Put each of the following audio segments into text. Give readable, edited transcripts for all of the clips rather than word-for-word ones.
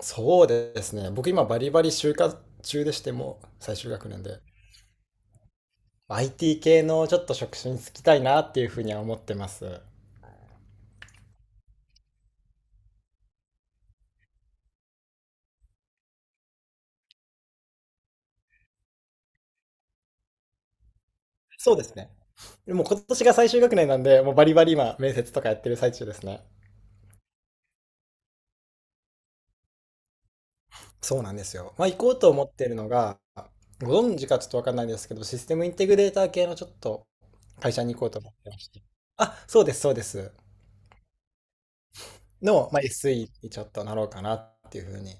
そうですね。僕今バリバリ就活中でしてもう最終学年で。IT 系のちょっと職種に就きたいなっていうふうには思ってます。そうですね。でも今年が最終学年なんで、もうバリバリ今面接とかやってる最中ですね。そうなんですよ。まあ行こうと思ってるのが、ご存知かちょっとわかんないですけど、システムインテグレーター系のちょっと会社に行こうと思ってまして。あ、そうです、そうです。の、まあ、SE にちょっとなろうかなっていうふうに。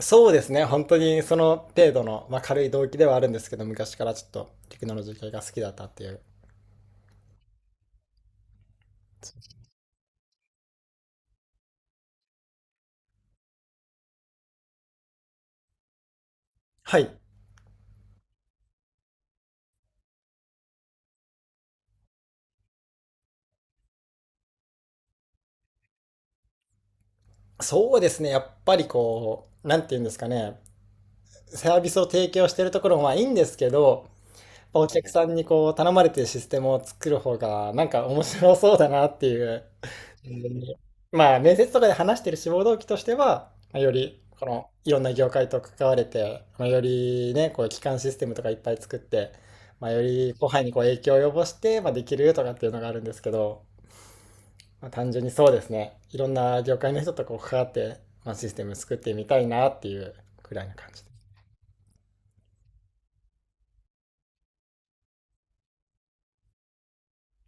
そうですね。本当にその程度の、まあ、軽い動機ではあるんですけど、昔からちょっとテクノロジー系が好きだったっていう。はい。そうですね。やっぱりこう、なんて言うんですかね。サービスを提供してるところもまあいいんですけど、お客さんにこう頼まれてシステムを作る方がなんか面白そうだなっていう。うん。まあ面接とかで話してる志望動機としては、まあよりこのいろんな業界と関われて、まあ、よりね、こう基幹システムとかいっぱい作って、まあ、より後輩にこう影響を及ぼして、まあ、できるとかっていうのがあるんですけど、まあ、単純にそうですね、いろんな業界の人とこう関わって、まあ、システム作ってみたいなっていうくらいな感じで。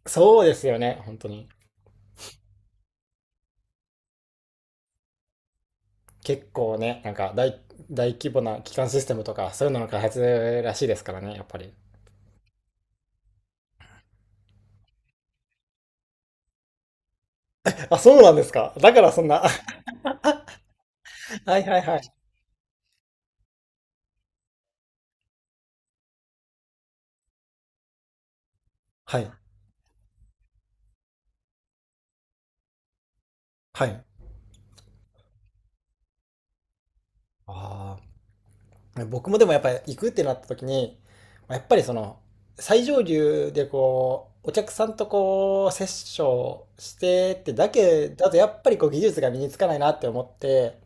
そうですよね、本当に。結構ね、なんか大、大規模な基幹システムとか、そういうのの開発らしいですからね、やっぱり。あ、そうなんですか。だからそんな。はいはいはい。はい。はい。ああ。僕もでもやっぱり行くってなった時に、やっぱりその、最上流でこう、お客さんとこう、セッションしてってだけだと、やっぱりこう、技術が身につかないなって思って、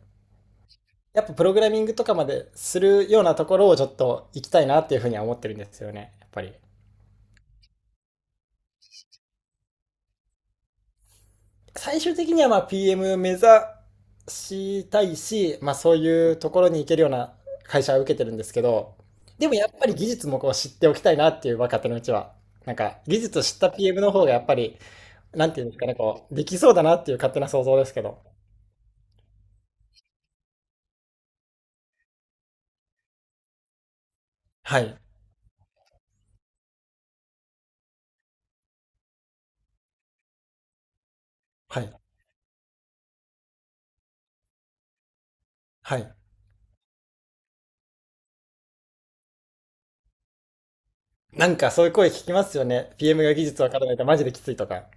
やっぱプログラミングとかまでするようなところをちょっと行きたいなっていうふうには思ってるんですよね、やっぱり。最終的にはまあ PM 目指したいし、まあそういうところに行けるような会社は受けてるんですけど、でもやっぱり技術もこう知っておきたいなっていう若手のうちは。なんか技術を知った PM の方がやっぱり、なんていうんですかね、こう、できそうだなっていう勝手な想像ですけど。はい。はい。はい。なんかそういう声聞きますよね。PM が技術わからないとマジできついとか。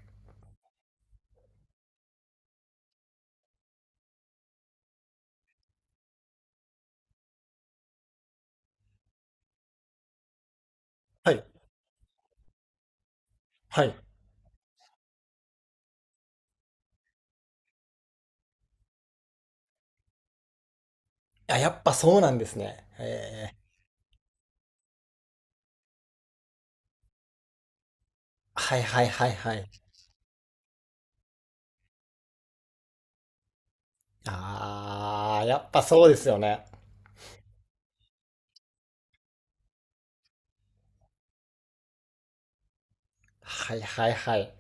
はい。はい。あ、やっぱそうなんですね。えー、はいはいはいはい。あー、やっぱそうですよね。はいはいはい。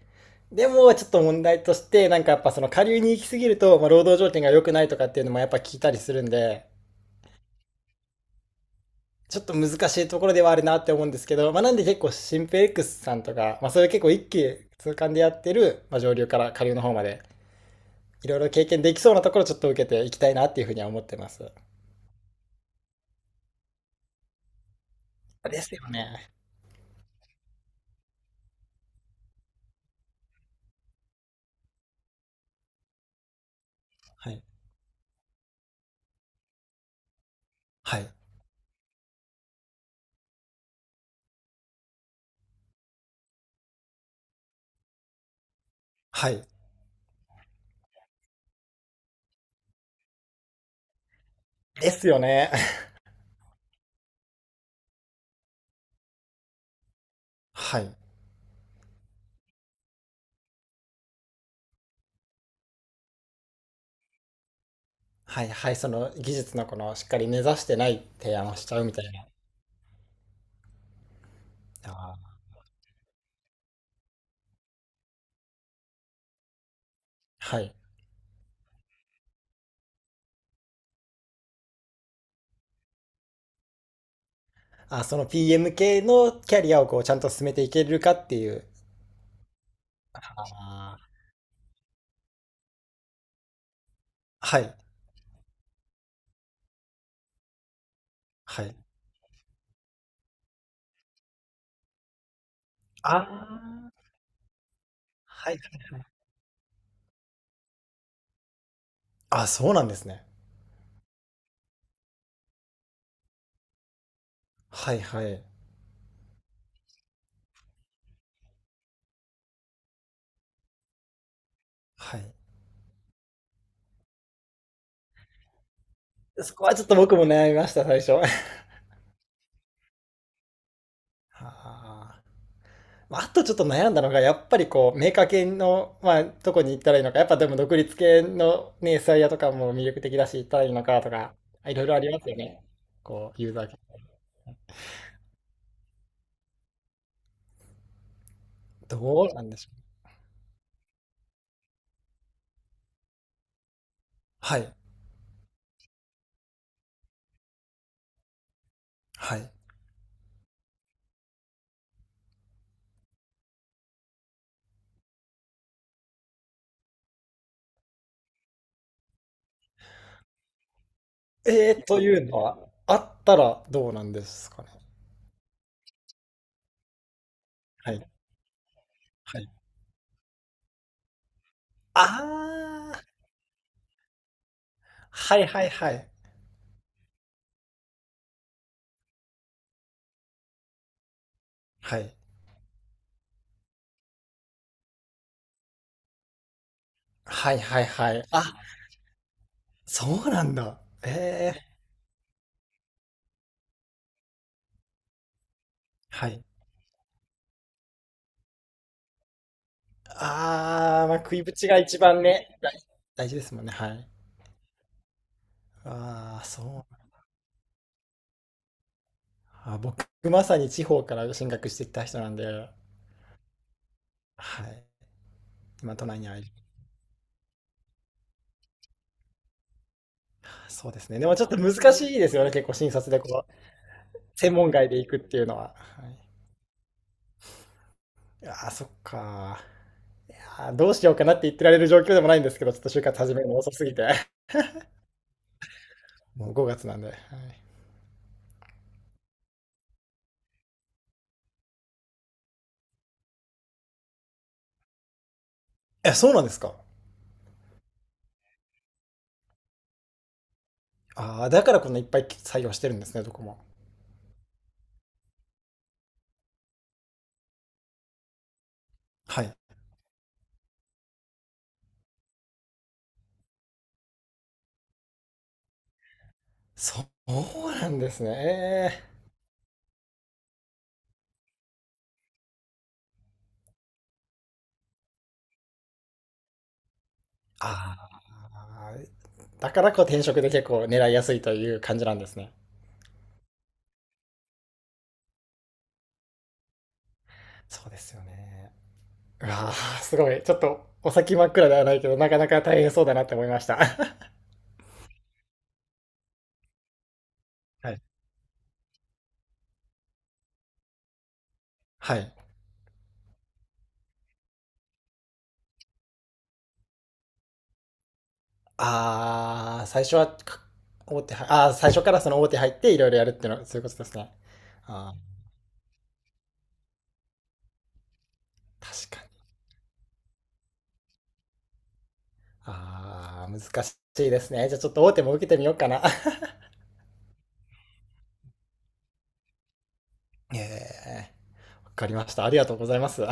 でも、ちょっと問題として、なんかやっぱその下流に行き過ぎると、まあ、労働条件が良くないとかっていうのもやっぱ聞いたりするんで、ちょっと難しいところではあるなって思うんですけど、まあ、なんで結構シンペックスさんとか、まあ、そういう結構一気通貫でやってる、まあ、上流から下流の方まで、いろいろ経験できそうなところをちょっと受けていきたいなっていうふうには思ってます。ですよね。はい。はい。はい。ですよね。はい。はいはい。その技術のこのしっかり根ざしてない提案をしちゃうみたいな。あー、はい。あ、その PM 系のキャリアをこうちゃんと進めていけるかっていう。あ、はい。はい。あ。あ、はいはいはい。あ、そうなんですね。はいはい。はい。そこはちょっと僕も悩みました、最初。あー、まあ、あとちょっと悩んだのが、やっぱりこう、メーカー系の、まあ、どこに行ったらいいのか、やっぱでも独立系のね、エスアイアとかも魅力的だし、行ったらいいのかとか、いろいろありますよね。こう、ユーザー系。どうなんでしょう。はい。はい。えー、というのは、あったらどうなんですかね。はい。はい。ああ、はいはいはい。はい。はいはいはい。あ、そうなんだ。ええ、はい。ああ、まあ、食いぶちが一番ね、大、大事ですもんね。はい。ああ、そう。あ、僕、まさに地方から進学してきた人なんで、はい。今、都内にあり、そうですね。でもちょっと難しいですよね。結構、診察でこう、専門外で行くっていうのは。はい。ああ、そっか。やー、どうしようかなって言ってられる状況でもないんですけど、ちょっと就活始めるの遅すぎて。もう5月なんで。はい、え、そうなんですか。ああ、だからこんないっぱい採用してるんですね、どこも。はい。そうなんですね。えー、ああ、だからこう転職で結構狙いやすいという感じなんですね。そうですよね。うわあ、すごい。ちょっとお先真っ暗ではないけど、なかなか大変そうだなって思いました。はい。はい。ああ、最初はか、大手は、ああ、最初からその大手入っていろいろやるっていうのは、そういうことですね。ああ、確かに。ああ、難しいですね。じゃあちょっと大手も受けてみようかな。ええ、わかりました。ありがとうございます。